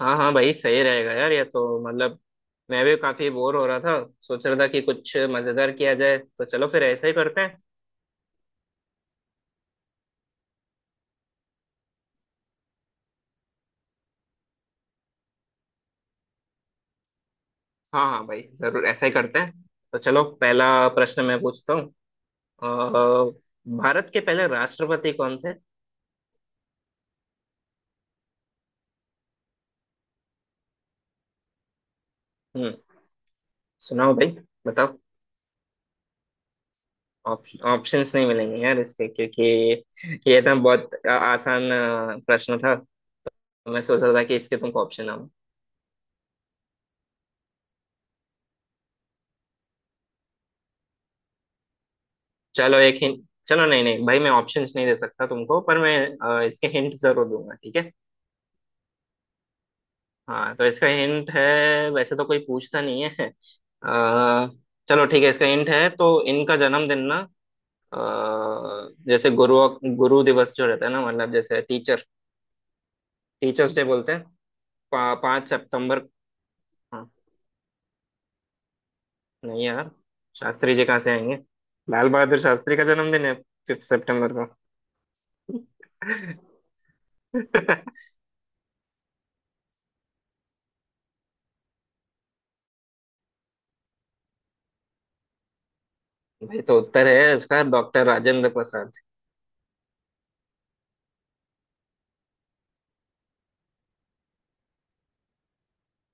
हाँ हाँ भाई, सही रहेगा यार। ये तो मतलब मैं भी काफी बोर हो रहा था। सोच रहा था कि कुछ मजेदार किया जाए, तो चलो फिर ऐसा ही करते हैं। हाँ हाँ भाई, जरूर ऐसा ही करते हैं। तो चलो, पहला प्रश्न मैं पूछता हूँ। अ, भारत के पहले राष्ट्रपति कौन थे? हम्म। सुनाओ भाई, बताओ। ऑप्शंस नहीं मिलेंगे यार इसके, क्योंकि ये तो बहुत आसान प्रश्न था। मैं सोच रहा था कि इसके तुमको ऑप्शन ना। चलो एक हिंट। चलो नहीं नहीं भाई, मैं ऑप्शंस नहीं दे सकता तुमको, पर मैं इसके हिंट जरूर दूंगा, ठीक है। हाँ, तो इसका हिंट है। वैसे तो कोई पूछता नहीं है। चलो ठीक है, इसका हिंट है तो इनका जन्मदिन ना। अ, जैसे गुरु गुरु दिवस जो रहता है ना, मतलब जैसे टीचर्स डे बोलते हैं। 5 सितंबर। हाँ। नहीं यार, शास्त्री जी कहाँ से आएंगे। लाल बहादुर शास्त्री का जन्मदिन है 5 सितंबर को। भाई, तो उत्तर है इसका डॉक्टर राजेंद्र प्रसाद।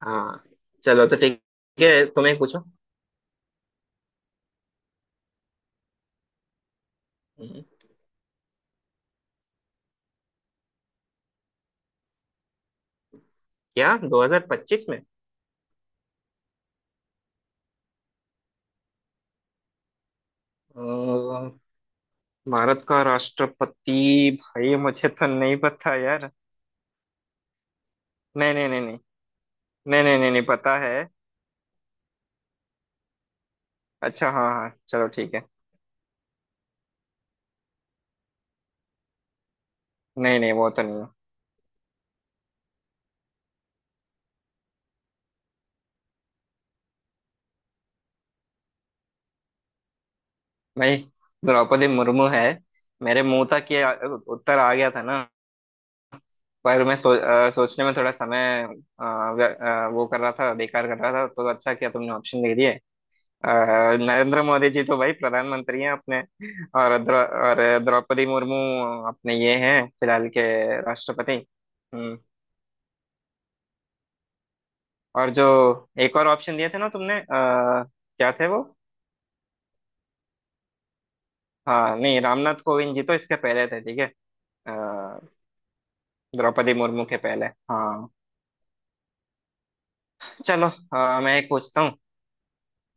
हाँ, चलो तो ठीक है, तुम्हें पूछो। हम्म, क्या 2025 में अ, भारत का राष्ट्रपति? भाई मुझे तो नहीं पता यार। नहीं नहीं नहीं नहीं। नहीं नहीं नहीं, नहीं पता है। अच्छा, हाँ हाँ, चलो ठीक है। नहीं नहीं, वो तो नहीं है। भाई, द्रौपदी मुर्मू है। मेरे मुंह तक ये उत्तर आ गया था ना। पर मैं सोचने में थोड़ा समय वो कर रहा था, बेकार कर रहा था। तो अच्छा किया तुमने ऑप्शन दे दिए। अ, नरेंद्र मोदी जी तो भाई प्रधानमंत्री हैं अपने। और द्रौपदी मुर्मू अपने ये हैं फिलहाल के राष्ट्रपति। हम्म। और जो एक और ऑप्शन दिए थे ना तुमने, क्या थे वो? हाँ नहीं, रामनाथ कोविंद जी तो इसके पहले थे, ठीक है। अ, द्रौपदी मुर्मू के पहले। हाँ। चलो मैं एक पूछता हूँ।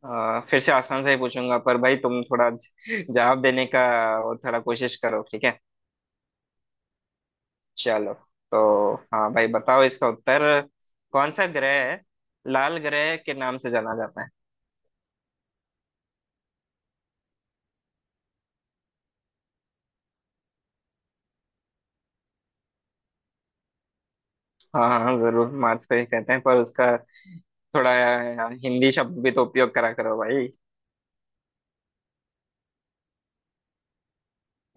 फिर से आसान से ही पूछूंगा, पर भाई तुम थोड़ा जवाब देने का वो थोड़ा कोशिश करो, ठीक है। चलो। तो हाँ भाई, बताओ इसका उत्तर। कौन सा ग्रह है लाल ग्रह के नाम से जाना जाता है? हाँ हाँ हाँ, जरूर मार्स को ही कहते हैं, पर उसका थोड़ा हिंदी शब्द भी तो उपयोग करा करो भाई।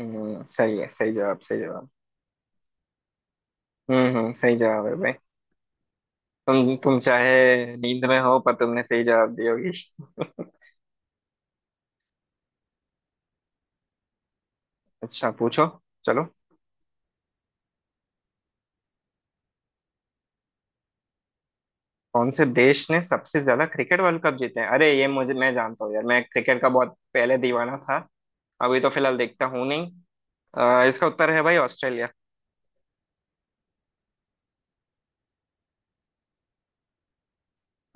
सही है, सही जवाब, सही जवाब। सही जवाब है भाई। तुम चाहे नींद में हो, पर तुमने सही जवाब दी होगी। अच्छा, पूछो। चलो। कौन से देश ने सबसे ज्यादा क्रिकेट वर्ल्ड कप जीते हैं? अरे, ये मुझे मैं जानता हूँ यार, मैं क्रिकेट का बहुत पहले दीवाना था। अभी तो फिलहाल देखता हूँ नहीं। इसका उत्तर है भाई ऑस्ट्रेलिया।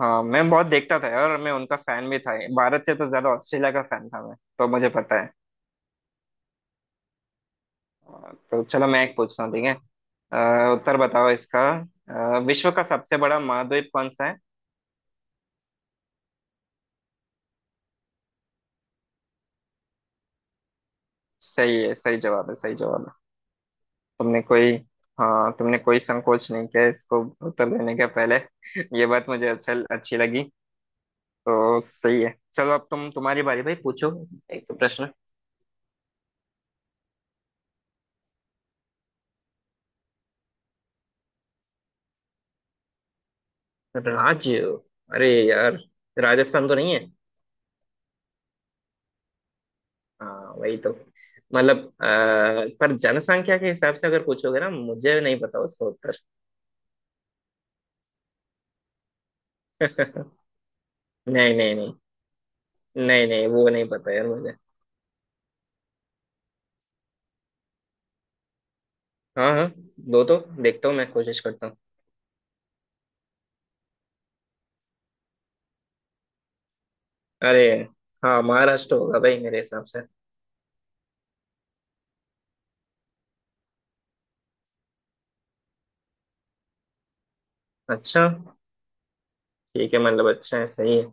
हाँ, मैं बहुत देखता था, और मैं उनका फैन भी था। भारत से तो ज्यादा ऑस्ट्रेलिया का फैन था मैं, तो मुझे पता है। तो चलो मैं एक पूछता हूँ, ठीक है। उत्तर बताओ इसका। विश्व का सबसे बड़ा महाद्वीप कौन सा है? सही है, सही जवाब है, सही जवाब है। तुमने कोई हाँ, तुमने कोई संकोच नहीं किया इसको उत्तर देने के पहले। ये बात मुझे अच्छी लगी। तो सही है, चलो। अब तुम्हारी बारी भाई, पूछो एक प्रश्न। राज्य? अरे यार, राजस्थान तो नहीं है। हाँ वही तो। मतलब पर जनसंख्या के हिसाब से अगर पूछोगे ना, मुझे नहीं पता उसका उत्तर। नहीं नहीं नहीं नहीं, नहीं वो नहीं पता यार मुझे। हाँ हाँ, दो तो, देखता हूँ मैं कोशिश करता हूँ। अरे, हाँ महाराष्ट्र होगा भाई मेरे हिसाब से। अच्छा। ठीक है, मतलब अच्छा है, सही है।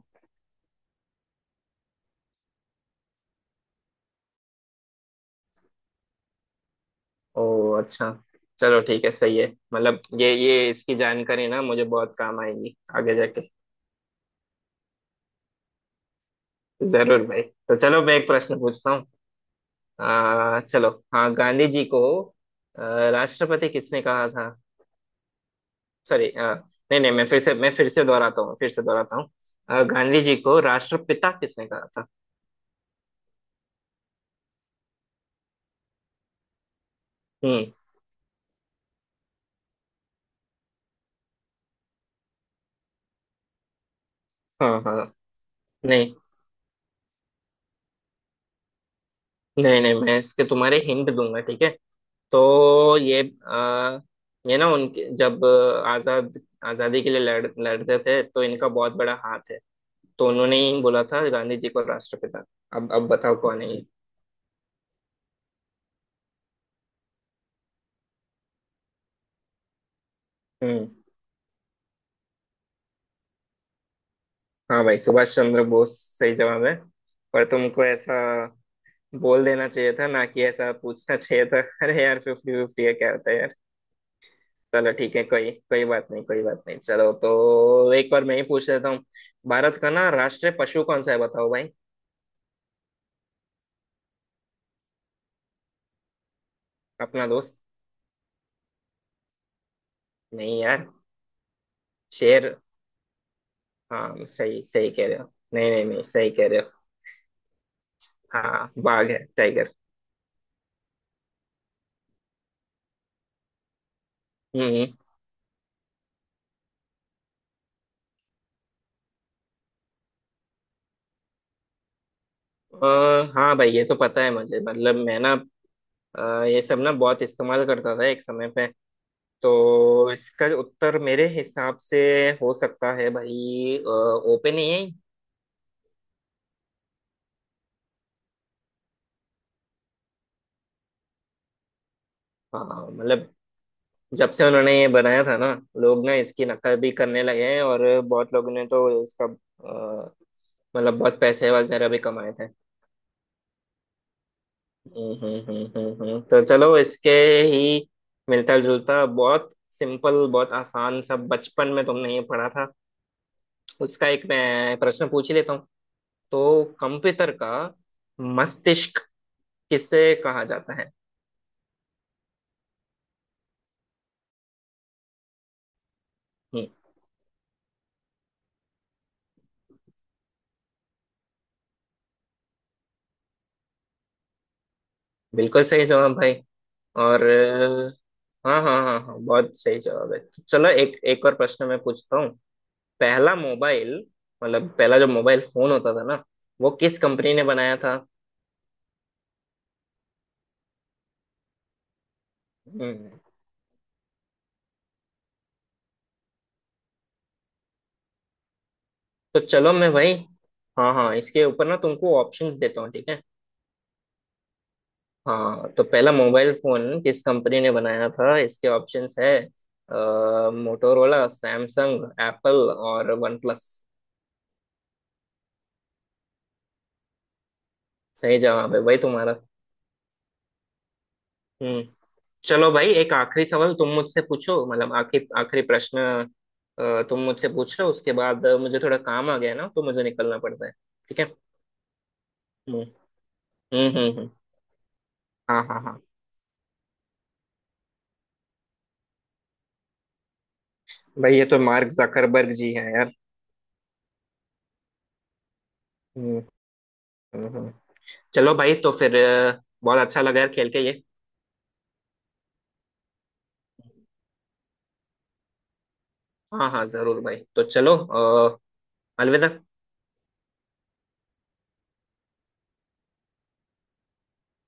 ओ अच्छा, चलो ठीक है, सही है। मतलब ये इसकी जानकारी ना मुझे बहुत काम आएगी आगे जाके। जरूर भाई। तो चलो मैं एक प्रश्न पूछता हूँ। चलो हाँ, गांधी जी को आ, राष्ट्रपति किसने कहा था? सॉरी, नहीं नहीं, मैं फिर से दोहराता हूँ। गांधी जी को राष्ट्रपिता किसने कहा था? हम्म। हाँ हाँ, नहीं नहीं नहीं, मैं इसके तुम्हारे हिंट दूंगा, ठीक है। तो ये आ, ये ना उनके जब आजादी के लिए लड़ते थे, तो इनका बहुत बड़ा हाथ है। तो उन्होंने ही बोला था गांधी जी को राष्ट्रपिता। अब बताओ कौन है ये। हम्म हाँ भाई, सुभाष चंद्र बोस। सही जवाब है। पर तुमको ऐसा बोल देना चाहिए था ना, कि ऐसा पूछना चाहिए था। अरे यार, फिफ्टी फिफ्टी है क्या होता है यार। चलो ठीक है, कोई कोई बात नहीं, कोई बात नहीं। चलो तो एक बार मैं ही पूछ लेता हूँ। भारत का ना राष्ट्रीय पशु कौन सा है, बताओ भाई। अपना दोस्त। नहीं यार। शेर? हाँ, सही सही कह रहे हो, नहीं नहीं नहीं, सही कह रहे हो। हाँ, बाघ है, टाइगर। हम्म अ, हाँ भाई, ये तो पता है मुझे, मतलब मैं ना ये सब ना बहुत इस्तेमाल करता था एक समय पे। तो इसका उत्तर मेरे हिसाब से हो सकता है भाई ओपन ही है। हाँ मतलब जब से उन्होंने ये बनाया था ना, लोग ना इसकी नकल भी करने लगे हैं। और बहुत लोगों ने तो इसका मतलब बहुत पैसे वगैरह भी कमाए थे। तो चलो इसके ही मिलता जुलता, बहुत सिंपल, बहुत आसान सा, बचपन में तुमने ये पढ़ा था उसका एक मैं प्रश्न पूछ ही लेता हूँ। तो कंप्यूटर का मस्तिष्क किसे कहा जाता है? हम्म। बिल्कुल सही जवाब भाई। और हाँ हाँ हाँ हाँ, बहुत सही जवाब है। चलो एक एक और प्रश्न मैं पूछता हूँ। पहला मोबाइल, मतलब पहला जो मोबाइल फोन होता था ना, वो किस कंपनी ने बनाया था? हम्म। तो चलो मैं भाई, हाँ हाँ, इसके ऊपर ना तुमको ऑप्शंस देता हूँ, ठीक है। हाँ, तो पहला मोबाइल फोन किस कंपनी ने बनाया था, इसके ऑप्शंस है मोटोरोला, सैमसंग, एप्पल और वन प्लस। सही जवाब है भाई तुम्हारा। हम्म। चलो भाई, एक आखिरी सवाल तुम मुझसे पूछो, मतलब आखिरी आखिरी प्रश्न। तुम मुझसे पूछ लो, उसके बाद मुझे थोड़ा काम आ गया ना, तो मुझे निकलना पड़ता है। ठीक है। हम्म हम्म हम्म हम्म। हाँ हाँ हाँ। भाई, ये तो मार्क जकरबर्ग जी हैं यार। हम्म। हम्म चलो भाई, तो फिर बहुत अच्छा लगा यार खेल के ये। हाँ हाँ, जरूर भाई, तो चलो अ, अलविदा।